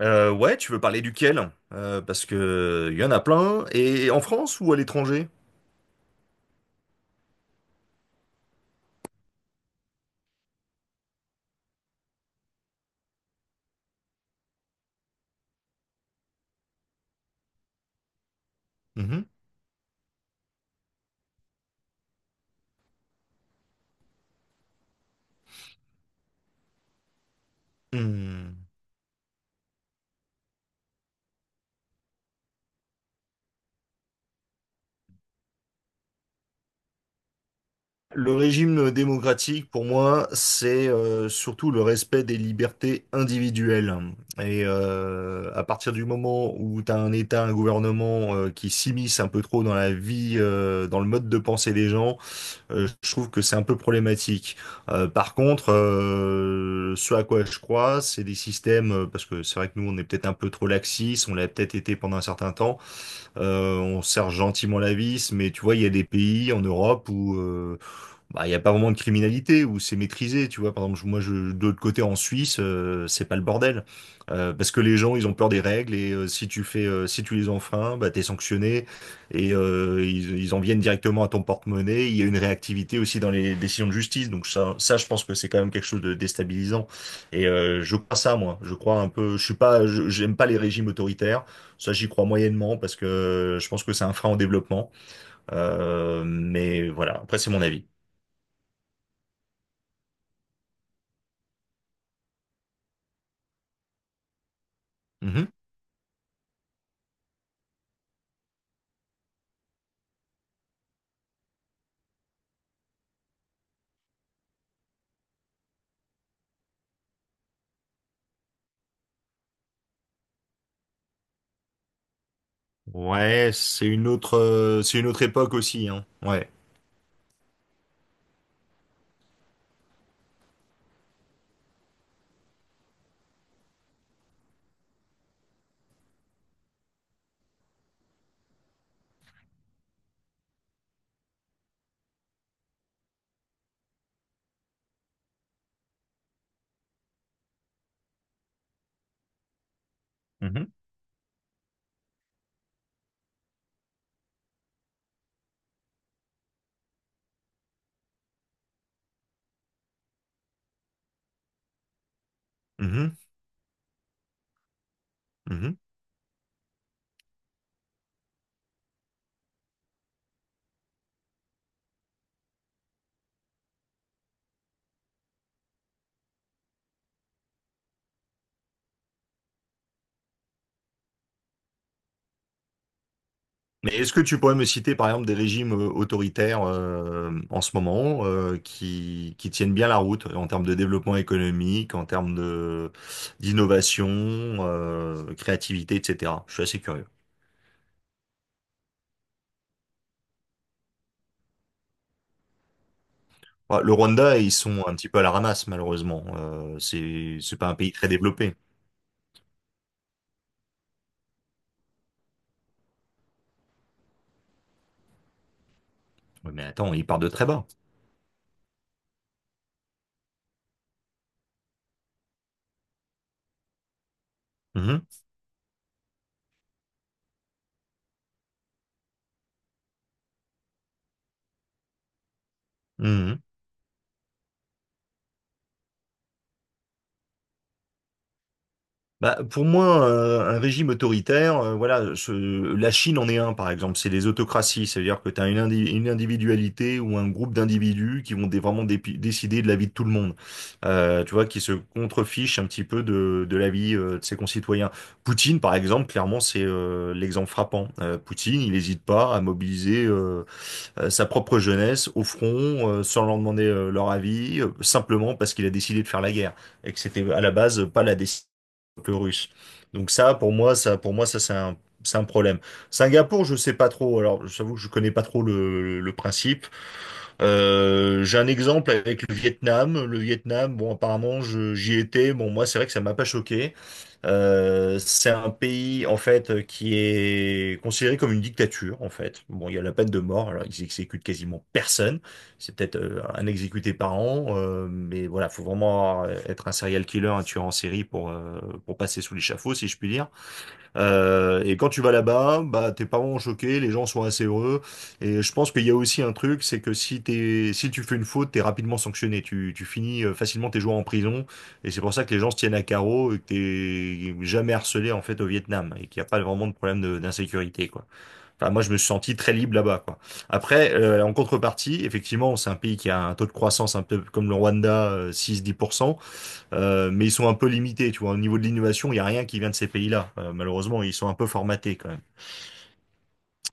Ouais, tu veux parler duquel? Parce que il y en a plein. Et en France ou à l'étranger? Mhm. Hmm. Le régime démocratique, pour moi, c'est surtout le respect des libertés individuelles. Et à partir du moment où tu as un État, un gouvernement qui s'immisce un peu trop dans la vie, dans le mode de pensée des gens, je trouve que c'est un peu problématique. Par contre, ce à quoi je crois, c'est des systèmes, parce que c'est vrai que nous, on est peut-être un peu trop laxiste, on l'a peut-être été pendant un certain temps, on serre gentiment la vis, mais tu vois, il y a des pays en Europe où bah, il n'y a pas vraiment de criminalité où c'est maîtrisé, tu vois. Par exemple, moi, je, de l'autre côté, en Suisse, c'est pas le bordel. Parce que les gens, ils ont peur des règles et si tu les enfreins, bah, t'es sanctionné et ils en viennent directement à ton porte-monnaie. Il y a une réactivité aussi dans les décisions de justice. Donc ça, je pense que c'est quand même quelque chose de déstabilisant. Et je crois ça, moi. Je crois un peu. Je suis pas, j'aime pas les régimes autoritaires. Ça, j'y crois moyennement parce que je pense que c'est un frein au développement. Mais voilà. Après, c'est mon avis. Mhm. Ouais, c'est une autre époque aussi, hein. Ouais. Mhm. Mhm, mhm. Mais est-ce que tu pourrais me citer par exemple des régimes autoritaires en ce moment qui tiennent bien la route en termes de développement économique, en termes de d'innovation, créativité, etc. Je suis assez curieux. Ouais, le Rwanda, ils sont un petit peu à la ramasse malheureusement. C'est pas un pays très développé. Ouais, mais attends, ils partent de très bas. Mhm, mhm. Bah, pour moi, un régime autoritaire, voilà, la Chine en est un, par exemple, c'est les autocraties, c'est-à-dire que tu as une individualité ou un groupe d'individus qui vont vraiment décider de la vie de tout le monde. Tu vois, qui se contrefichent un petit peu de la vie de ses concitoyens. Poutine, par exemple, clairement, c'est l'exemple frappant. Poutine, il n'hésite pas à mobiliser sa propre jeunesse au front, sans leur demander leur avis, simplement parce qu'il a décidé de faire la guerre et que c'était à la base pas la décision peu russe. Donc ça, pour moi, ça, pour moi, ça, c'est un problème. Singapour, je sais pas trop. Alors, j'avoue que je connais pas trop le principe. J'ai un exemple avec le Vietnam. Le Vietnam, bon, apparemment, j'y étais. Bon, moi, c'est vrai que ça m'a pas choqué. C'est un pays en fait qui est considéré comme une dictature en fait. Bon, il y a la peine de mort, alors ils exécutent quasiment personne. C'est peut-être un exécuté par an, mais voilà, faut vraiment être un serial killer, un tueur en série pour passer sous l'échafaud, si je puis dire. Et quand tu vas là-bas, bah, tes parents ont choqué, les gens sont assez heureux. Et je pense qu'il y a aussi un truc, c'est que si tu fais une faute, t'es rapidement sanctionné. Tu finis facilement tes jours en prison. Et c'est pour ça que les gens se tiennent à carreau et que t'es jamais harcelé, en fait, au Vietnam. Et qu'il n'y a pas vraiment de problème d'insécurité, quoi. Enfin, moi, je me suis senti très libre là-bas, quoi. Après, en contrepartie, effectivement, c'est un pays qui a un taux de croissance un peu comme le Rwanda, 6-10%. Mais ils sont un peu limités, tu vois. Au niveau de l'innovation, il n'y a rien qui vient de ces pays-là. Malheureusement, ils sont un peu formatés quand même.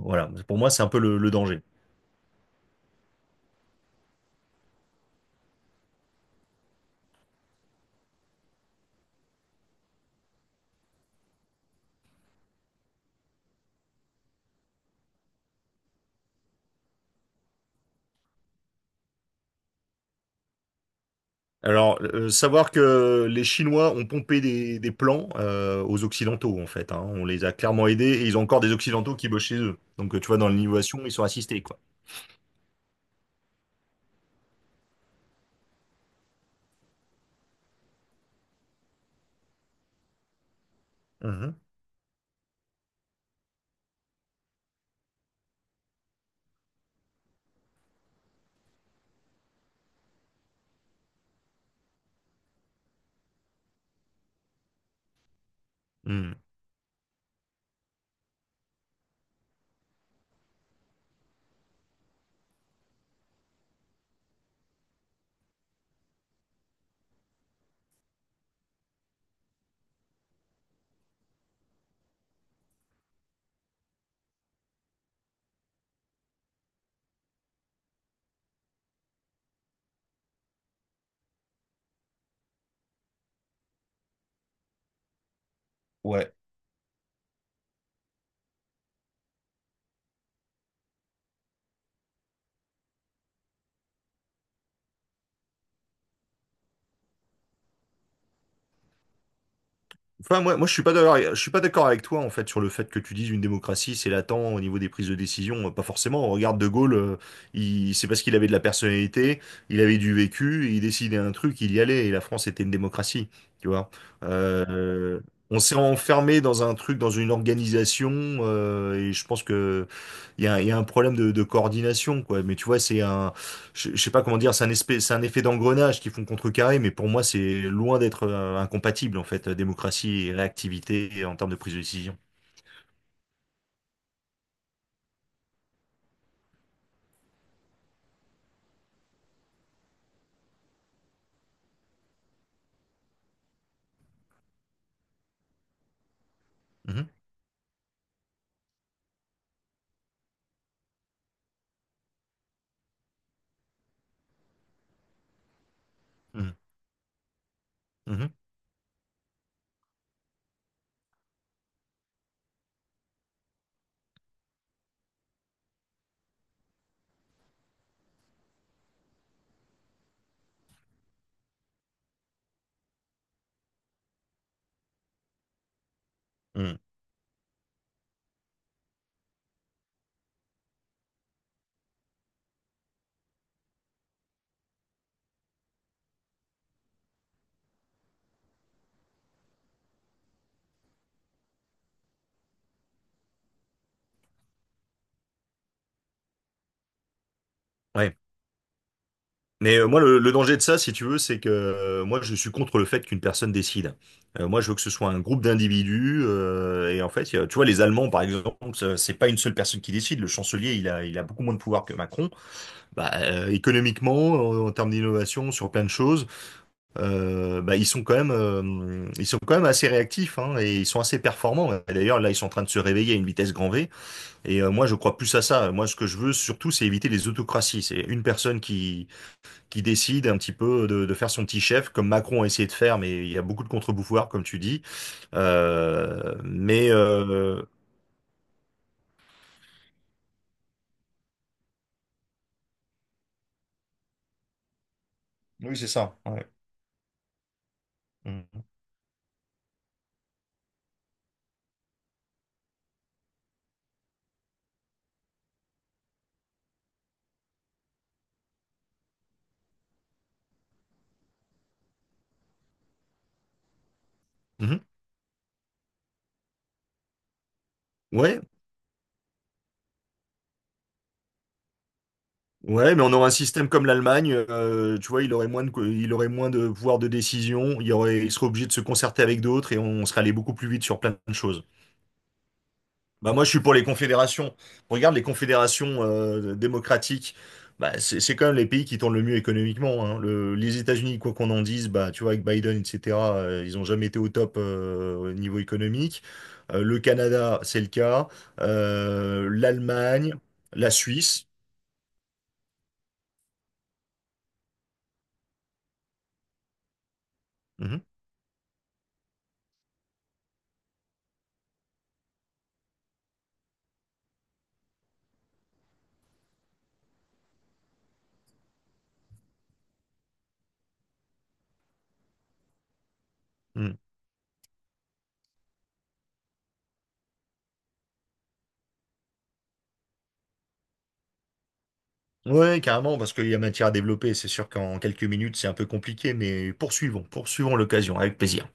Voilà. Pour moi, c'est un peu le danger. Alors, savoir que les Chinois ont pompé des plans aux Occidentaux, en fait, hein. On les a clairement aidés et ils ont encore des Occidentaux qui bossent chez eux. Donc, tu vois, dans l'innovation, ils sont assistés, quoi. Mhm. Mhm. Ouais. Enfin, moi, je suis pas d'accord, je suis pas d'accord avec toi en fait sur le fait que tu dises une démocratie c'est latent au niveau des prises de décision. Pas forcément. On regarde De Gaulle, c'est parce qu'il avait de la personnalité, il avait du vécu, il décidait un truc, il y allait. Et la France était une démocratie, tu vois. Euh, on s'est enfermé dans un truc, dans une organisation, et je pense que il y a un problème de coordination, quoi. Mais tu vois, je sais pas comment dire, c'est un espèce, c'est un effet d'engrenage qui font contrecarrer, mais pour moi, c'est loin d'être incompatible, en fait, démocratie et réactivité en termes de prise de décision. Mhm, mhm, mhm, mhm. Ouais. Mais moi, le danger de ça, si tu veux, c'est que moi, je suis contre le fait qu'une personne décide. Moi, je veux que ce soit un groupe d'individus. Et en fait, tu vois, les Allemands, par exemple, c'est pas une seule personne qui décide. Le chancelier, il a beaucoup moins de pouvoir que Macron. Bah, économiquement, en termes d'innovation, sur plein de choses. Bah, ils sont quand même assez réactifs hein, et ils sont assez performants. Et d'ailleurs, là, ils sont en train de se réveiller à une vitesse grand V. Et moi, je crois plus à ça. Moi, ce que je veux surtout, c'est éviter les autocraties. C'est une personne qui décide un petit peu de faire son petit chef, comme Macron a essayé de faire, mais il y a beaucoup de contre-pouvoirs, comme tu dis. Euh, mais euh, oui, c'est ça. Ouais. Mhm. Mhm. Ouais, Ouais, mais on aurait un système comme l'Allemagne, tu vois, il aurait moins de pouvoir de décision, il serait obligé de se concerter avec d'autres et on serait allé beaucoup plus vite sur plein de choses. Bah moi, je suis pour les confédérations. Regarde les confédérations démocratiques, bah, c'est quand même les pays qui tournent le mieux économiquement, hein. Les États-Unis, quoi qu'on en dise, bah tu vois, avec Biden, etc., ils ont jamais été au top au niveau économique. Le Canada, c'est le cas. l'Allemagne, la Suisse. Mhm. Ouais, carrément, parce qu'il y a matière à développer. C'est sûr qu'en quelques minutes, c'est un peu compliqué, mais poursuivons, poursuivons l'occasion, avec plaisir.